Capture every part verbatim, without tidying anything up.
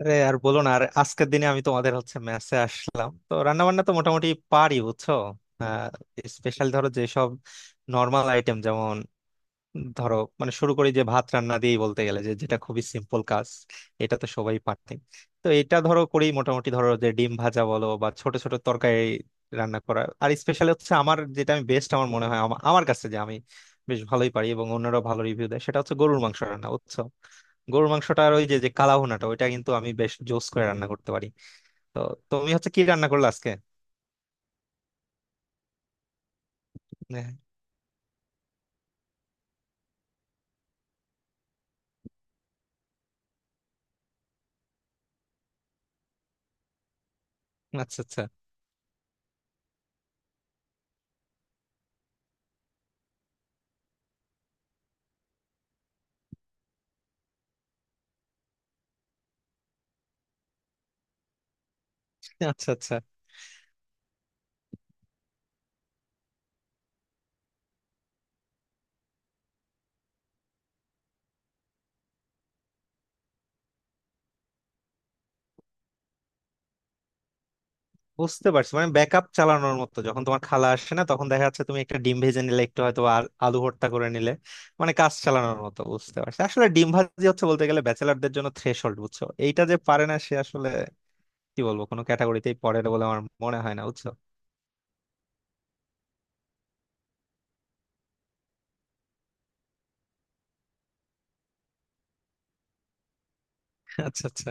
আরে আর বলো না, আর আজকের দিনে আমি তোমাদের হচ্ছে মেসে আসলাম তো রান্না বান্না তো মোটামুটি পারি বুঝছো। স্পেশাল ধরো যেসব নর্মাল আইটেম, যেমন ধরো মানে শুরু করি যে ভাত রান্না দিয়েই বলতে গেলে, যে যেটা খুবই সিম্পল কাজ, এটা তো সবাই পারতেন। তো এটা ধরো করি মোটামুটি, ধরো যে ডিম ভাজা বলো বা ছোট ছোট তরকারি রান্না করা। আর স্পেশাল হচ্ছে আমার যেটা আমি বেস্ট আমার মনে হয়, আমা- আমার কাছে যে আমি বেশ ভালোই পারি এবং অন্যরাও ভালো রিভিউ দেয়, সেটা হচ্ছে গরুর মাংস রান্না বুঝছো। গরুর মাংসটার ওই যে যে কালা ভুনাটা ওইটা কিন্তু আমি বেশ জোস করে রান্না করতে পারি। তো তুমি হচ্ছে কি রান্না করলে আজকে? হ্যাঁ, আচ্ছা আচ্ছা। আচ্ছা আচ্ছা। বুঝতে পারছি, মানে ব্যাকআপ চালানোর মতো, যখন তোমার খালা আসে না তখন দেখা যাচ্ছে তুমি একটা ডিম ভেজে নিলে একটু হয়তো, আর আলু ভর্তা করে নিলে মানে কাজ চালানোর মতো, বুঝতে পারছি। আসলে ডিম ভাজি হচ্ছে বলতে গেলে ব্যাচেলারদের জন্য থ্রেশহোল্ড বুঝছো, এইটা যে পারে না সে আসলে কি বলবো, কোনো ক্যাটাগরিতেই পড়ে না বলে আমার মনে হয় না বুঝছো। আচ্ছা আচ্ছা।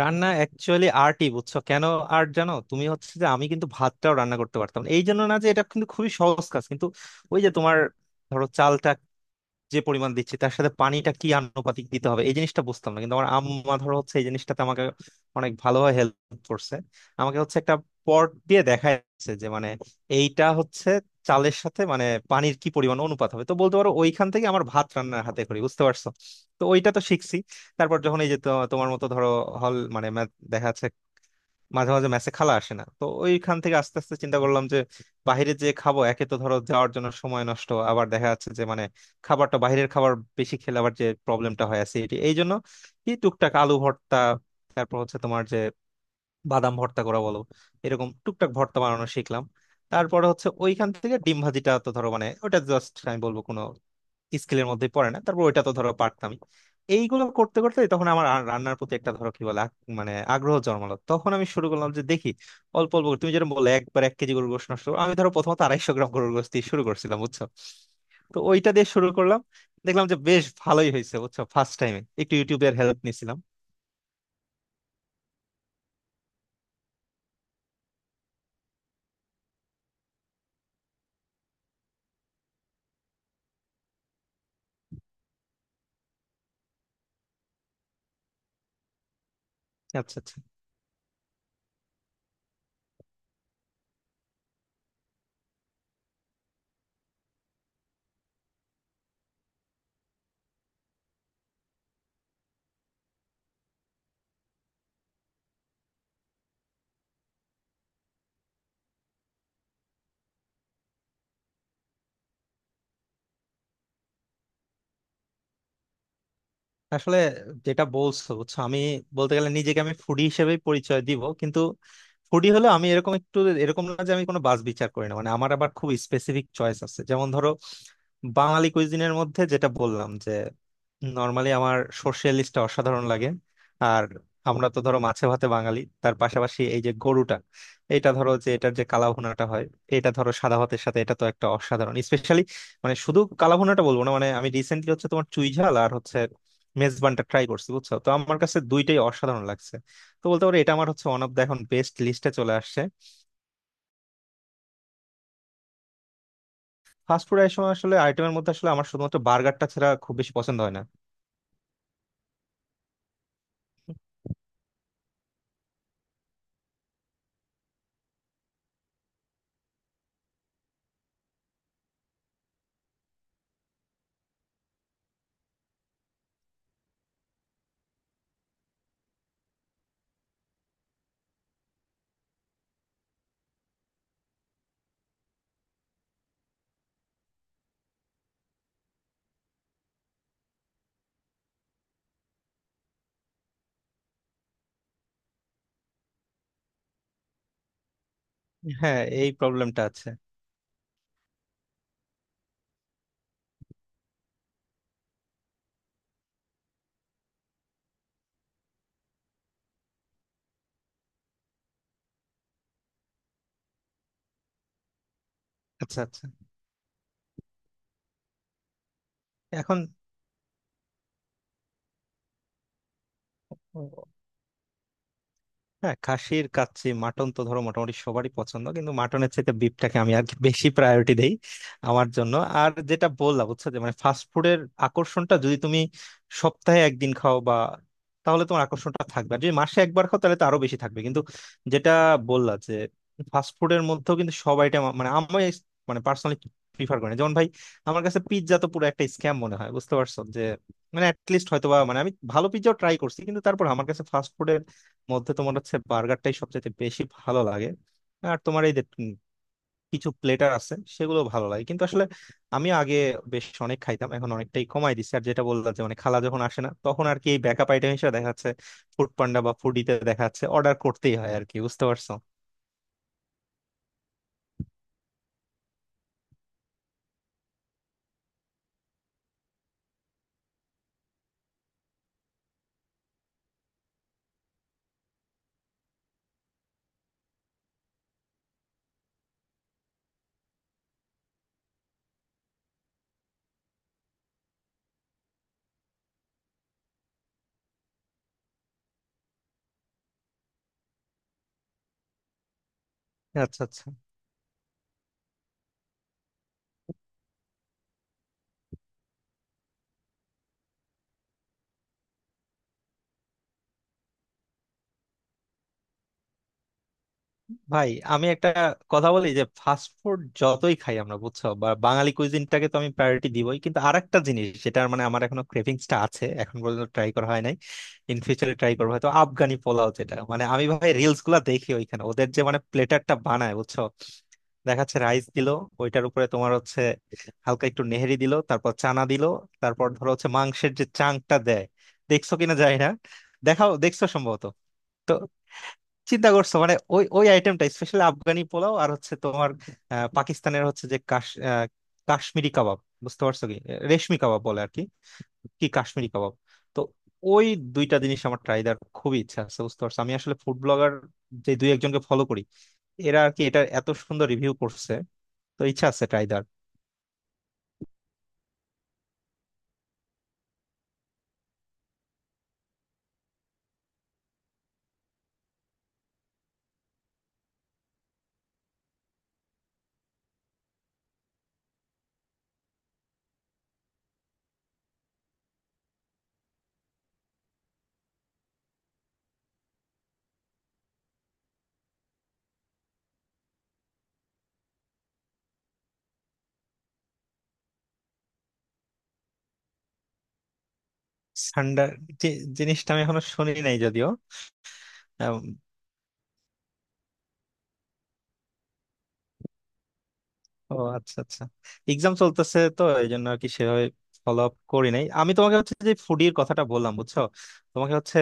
রান্না অ্যাকচুয়ালি আর্টই বুঝছো কেন। আর্ট জানো, তুমি হচ্ছে যে আমি কিন্তু ভাতটাও রান্না করতে পারতাম না। এই জন্য না যে এটা কিন্তু খুবই সহজ কাজ, কিন্তু ওই যে তোমার ধরো চালটা যে পরিমাণ দিচ্ছি তার সাথে পানিটা কি আনুপাতিক দিতে হবে এই জিনিসটা বুঝতাম না, কিন্তু আমার আম্মা ধরো হচ্ছে এই জিনিসটাতে আমাকে অনেক ভালোভাবে হেল্প করছে। আমাকে হচ্ছে একটা পট দিয়ে দেখাচ্ছে যে মানে এইটা হচ্ছে চালের সাথে মানে পানির কি পরিমাণ অনুপাত হবে। তো বলতে পারো ওইখান থেকে আমার ভাত রান্নার হাতে করি বুঝতে পারছো। তো ওইটা তো শিখছি। তারপর যখন এই যে তো- তোমার মতো ধরো হল মানে math দেখা যাচ্ছে মাঝে মাঝে মেসে খালা আসে না, তো ওইখান থেকে আস্তে আস্তে চিন্তা করলাম যে বাইরে যে খাবো, একে তো ধরো যাওয়ার জন্য সময় নষ্ট, আবার দেখা যাচ্ছে যে মানে খাবারটা বাইরের খাবার বেশি খেলে আবার যে প্রবলেমটা হয় অ্যাসিডিটি। এই জন্য কি টুকটাক আলু ভর্তা, তারপর হচ্ছে তোমার যে বাদাম ভর্তা করা বলো, এরকম টুকটাক ভর্তা বানানো শিখলাম। তারপরে হচ্ছে ওইখান থেকে ডিম ভাজিটা তো ধরো মানে ওটা জাস্ট আমি বলবো কোনো স্কিলের মধ্যে পড়ে না, তারপর ওইটা তো ধরো পারতামই। এইগুলো করতে করতে তখন আমার আর রান্নার প্রতি একটা ধরো কি বলে আগ- মানে আগ্রহ জন্মালো, তখন আমি শুরু করলাম যে দেখি অল্প অল্প করে- তুমি যেটা বললে একবার এক কেজি গরুর গোশত নষ্ট করো। আমি ধরো প্রথমত আড়াইশো গ্রাম গরুর গোশত দিয়ে শুরু করছিলাম বুঝছো। তো ওইটা দিয়ে শুরু করলাম, দেখলাম যে বেশ ভালোই হয়েছে বুঝছো। ফার্স্ট টাইমে একটু ইউটিউবের হেল্প নিয়েছিলাম। আচ্ছা আচ্ছা। আসলে যেটা বলছো বুঝছো, আমি বলতে গেলে নিজেকে আমি ফুডি হিসেবে পরিচয় দিব, কিন্তু ফুডি হলো আমি এরকম একটু এরকম না যে আমি কোনো বাছ বিচার করি না, মানে আমার আবার খুব স্পেসিফিক চয়েস আছে। যেমন ধরো বাঙালি কুইজিনের মধ্যে যেটা বললাম যে নর্মালি আমার সর্ষে ইলিশটা অসাধারণ লাগে। আর আমরা তো ধরো মাছে ভাতে বাঙালি, তার পাশাপাশি এই যে গরুটা, এটা ধরো যে এটার যে কালা ভুনাটা হয় এটা ধরো সাদা ভাতের সাথে এটা তো একটা অসাধারণ স্পেশালি। মানে শুধু কালা ভুনাটা বলবো না, মানে আমি রিসেন্টলি হচ্ছে তোমার চুই ঝাল আর হচ্ছে মেজবানটা ট্রাই করছি বুঝছো, তো আমার কাছে দুইটাই অসাধারণ লাগছে। তো বলতে পারো এটা আমার হচ্ছে ওয়ান অফ দ্য এখন বেস্ট লিস্টে চলে আসছে। ফাস্ট ফুড এর সময় আসলে আইটেমের মধ্যে আসলে আমার শুধুমাত্র বার্গারটা ছাড়া খুব বেশি পছন্দ হয় না। হ্যাঁ, এই প্রবলেমটা আছে। আচ্ছা আচ্ছা। এখন ও, হ্যাঁ, খাসির কাচ্চি মাটন তো ধরো মোটামুটি সবারই পছন্দ, কিন্তু মাটনের চাইতে বিফটাকে আমি আর কি বেশি প্রায়োরিটি দেই আমার জন্য। আর যেটা বললাম বুঝছো যে মানে ফাস্ট ফুডের আকর্ষণটা যদি তুমি সপ্তাহে একদিন খাও বা, তাহলে তোমার আকর্ষণটা থাকবে, আর যদি মাসে একবার খাও তাহলে তো আরো বেশি থাকবে। কিন্তু যেটা বললা যে ফাস্ট ফুডের মধ্যেও কিন্তু সব আইটেম মানে আমি মানে পার্সোনালি প্রিফার করি না। যেমন ভাই আমার কাছে পিৎজা তো পুরো একটা স্ক্যাম মনে হয় বুঝতে পারছো যে মানে অ্যাটলিস্ট হয়তো বা মানে আমি ভালো পিৎজাও ট্রাই করছি, কিন্তু তারপর আমার কাছে ফাস্ট মধ্যে তোমার হচ্ছে বার্গারটাই সবচেয়ে বেশি ভালো লাগে। আর তোমার এই যে উম কিছু প্লেটার আছে সেগুলো ভালো লাগে, কিন্তু আসলে আমি আগে বেশ অনেক খাইতাম, এখন অনেকটাই কমাই দিচ্ছি। আর যেটা বললাম যে মানে খালা যখন আসে না তখন আর কি এই ব্যাকআপ আইটেম হিসেবে দেখা যাচ্ছে ফুড পান্ডা বা ফুডিতে দেখা যাচ্ছে অর্ডার করতেই হয় আর কি, বুঝতে পারছো। আচ্ছা আচ্ছা। ভাই আমি একটা কথা বলি যে ফাস্ট ফুড যতই খাই আমরা বুঝছো বা বাঙালি কুইজিনটাকে তো আমি প্রায়োরিটি দিবই, কিন্তু আরেকটা জিনিস যেটা মানে আমার এখনো ক্রেভিংসটা আছে এখন পর্যন্ত ট্রাই করা হয় নাই। ইন ফিউচারে ট্রাই করবো হয়তো আফগানি পোলাও, যেটা মানে আমি ভাই রিলস গুলা দেখি ওইখানে ওদের যে মানে প্লেটারটা বানায় বুঝছো। দেখাচ্ছে রাইস দিলো, ওইটার উপরে তোমার হচ্ছে হালকা একটু নেহেরি দিলো, তারপর চানা দিলো, তারপর ধরো হচ্ছে মাংসের যে চাংটা দেয়, দেখছো কিনা যায় না। দেখাও দেখছো সম্ভবত। তো চিন্তা করছো মানে ওই ওই আইটেমটা স্পেশালি আফগানি পোলাও, আর হচ্ছে তোমার আহ, পাকিস্তানের হচ্ছে যে কাশ আহ, কাশ্মীরি কাবাব বুঝতে পারছো কি, রেশমি কাবাব বলে আর কি, কি কাশ্মীরি কাবাব। তো ওই দুইটা জিনিস আমার ট্রাই দেওয়ার খুবই ইচ্ছা আছে বুঝতে পারছো। আমি আসলে ফুড ব্লগার যে দুই একজনকে ফলো করি, এরা আর কি এটা এত সুন্দর রিভিউ করছে, তো ইচ্ছা আছে ট্রাই দেওয়ার। সান্ডা, যে জিনিসটা আমি এখনো শুনি নাই যদিও। ও আচ্ছা আচ্ছা, এক্সাম চলতেছে তো এই জন্য আর কি সেভাবে ফলো আপ করি নাই। আমি তোমাকে হচ্ছে যে ফুডির কথাটা বললাম বুঝছো, তোমাকে হচ্ছে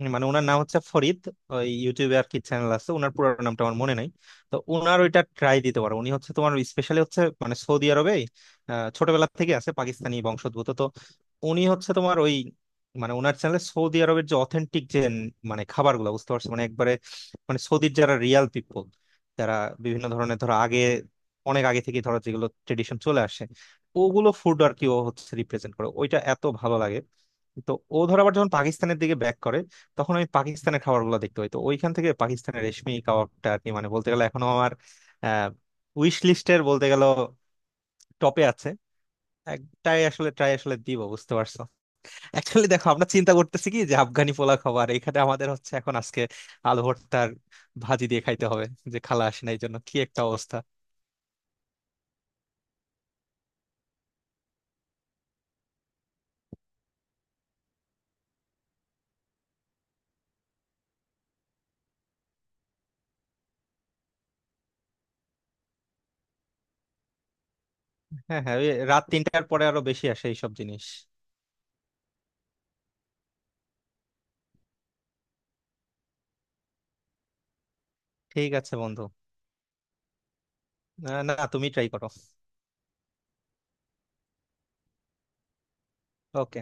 উম, মানে ওনার নাম হচ্ছে ফরিদ, ওই ইউটিউবে আর কি চ্যানেল আছে ওনার, পুরো নামটা আমার মনে নাই। তো ওনার ওইটা ট্রাই দিতে পারো, উনি হচ্ছে তোমার স্পেশালি হচ্ছে মানে সৌদি আরবে আহ, ছোটবেলা থেকে আছে, পাকিস্তানি বংশোদ্ভূত। তো উনি হচ্ছে তোমার ওই মানে ওনার চ্যানেলে সৌদি আরবের যে অথেন্টিক যে মানে খাবারগুলো বুঝতে পারছো মানে একবারে, মানে সৌদির যারা রিয়াল পিপল, যারা বিভিন্ন ধরনের ধরো আগে অনেক আগে থেকে ধরো যেগুলো ট্রেডিশন চলে আসে, ওগুলো ফুড আর কি ও হচ্ছে রিপ্রেজেন্ট করে ওইটা এত ভালো লাগে। তো ও ধর আবার যখন পাকিস্তানের দিকে ব্যাক করে তখন আমি পাকিস্তানের খাবারগুলো দেখতে পাই, তো ওইখান থেকে পাকিস্তানের রেশমি কাবাবটা আর কি মানে বলতে গেলে এখনো আমার আহ উইশ লিস্টের বলতে গেল টপে আছে। একটাই আসলে ট্রাই আসলে দিব বুঝতে পারছো। অ্যাকচুয়ালি দেখো আমরা চিন্তা করতেছি কি যে আফগানি পোলা খাবার, এখানে আমাদের হচ্ছে এখন আজকে আলু ভর্তার ভাজি দিয়ে খাইতে হবে, যে খালা আসে না এই জন্য কি একটা অবস্থা। হ্যাঁ হ্যাঁ, ওই রাত তিনটার পরে আরো বেশি আসে এইসব জিনিস। ঠিক আছে বন্ধু, আহ, না তুমি ট্রাই করো। ওকে।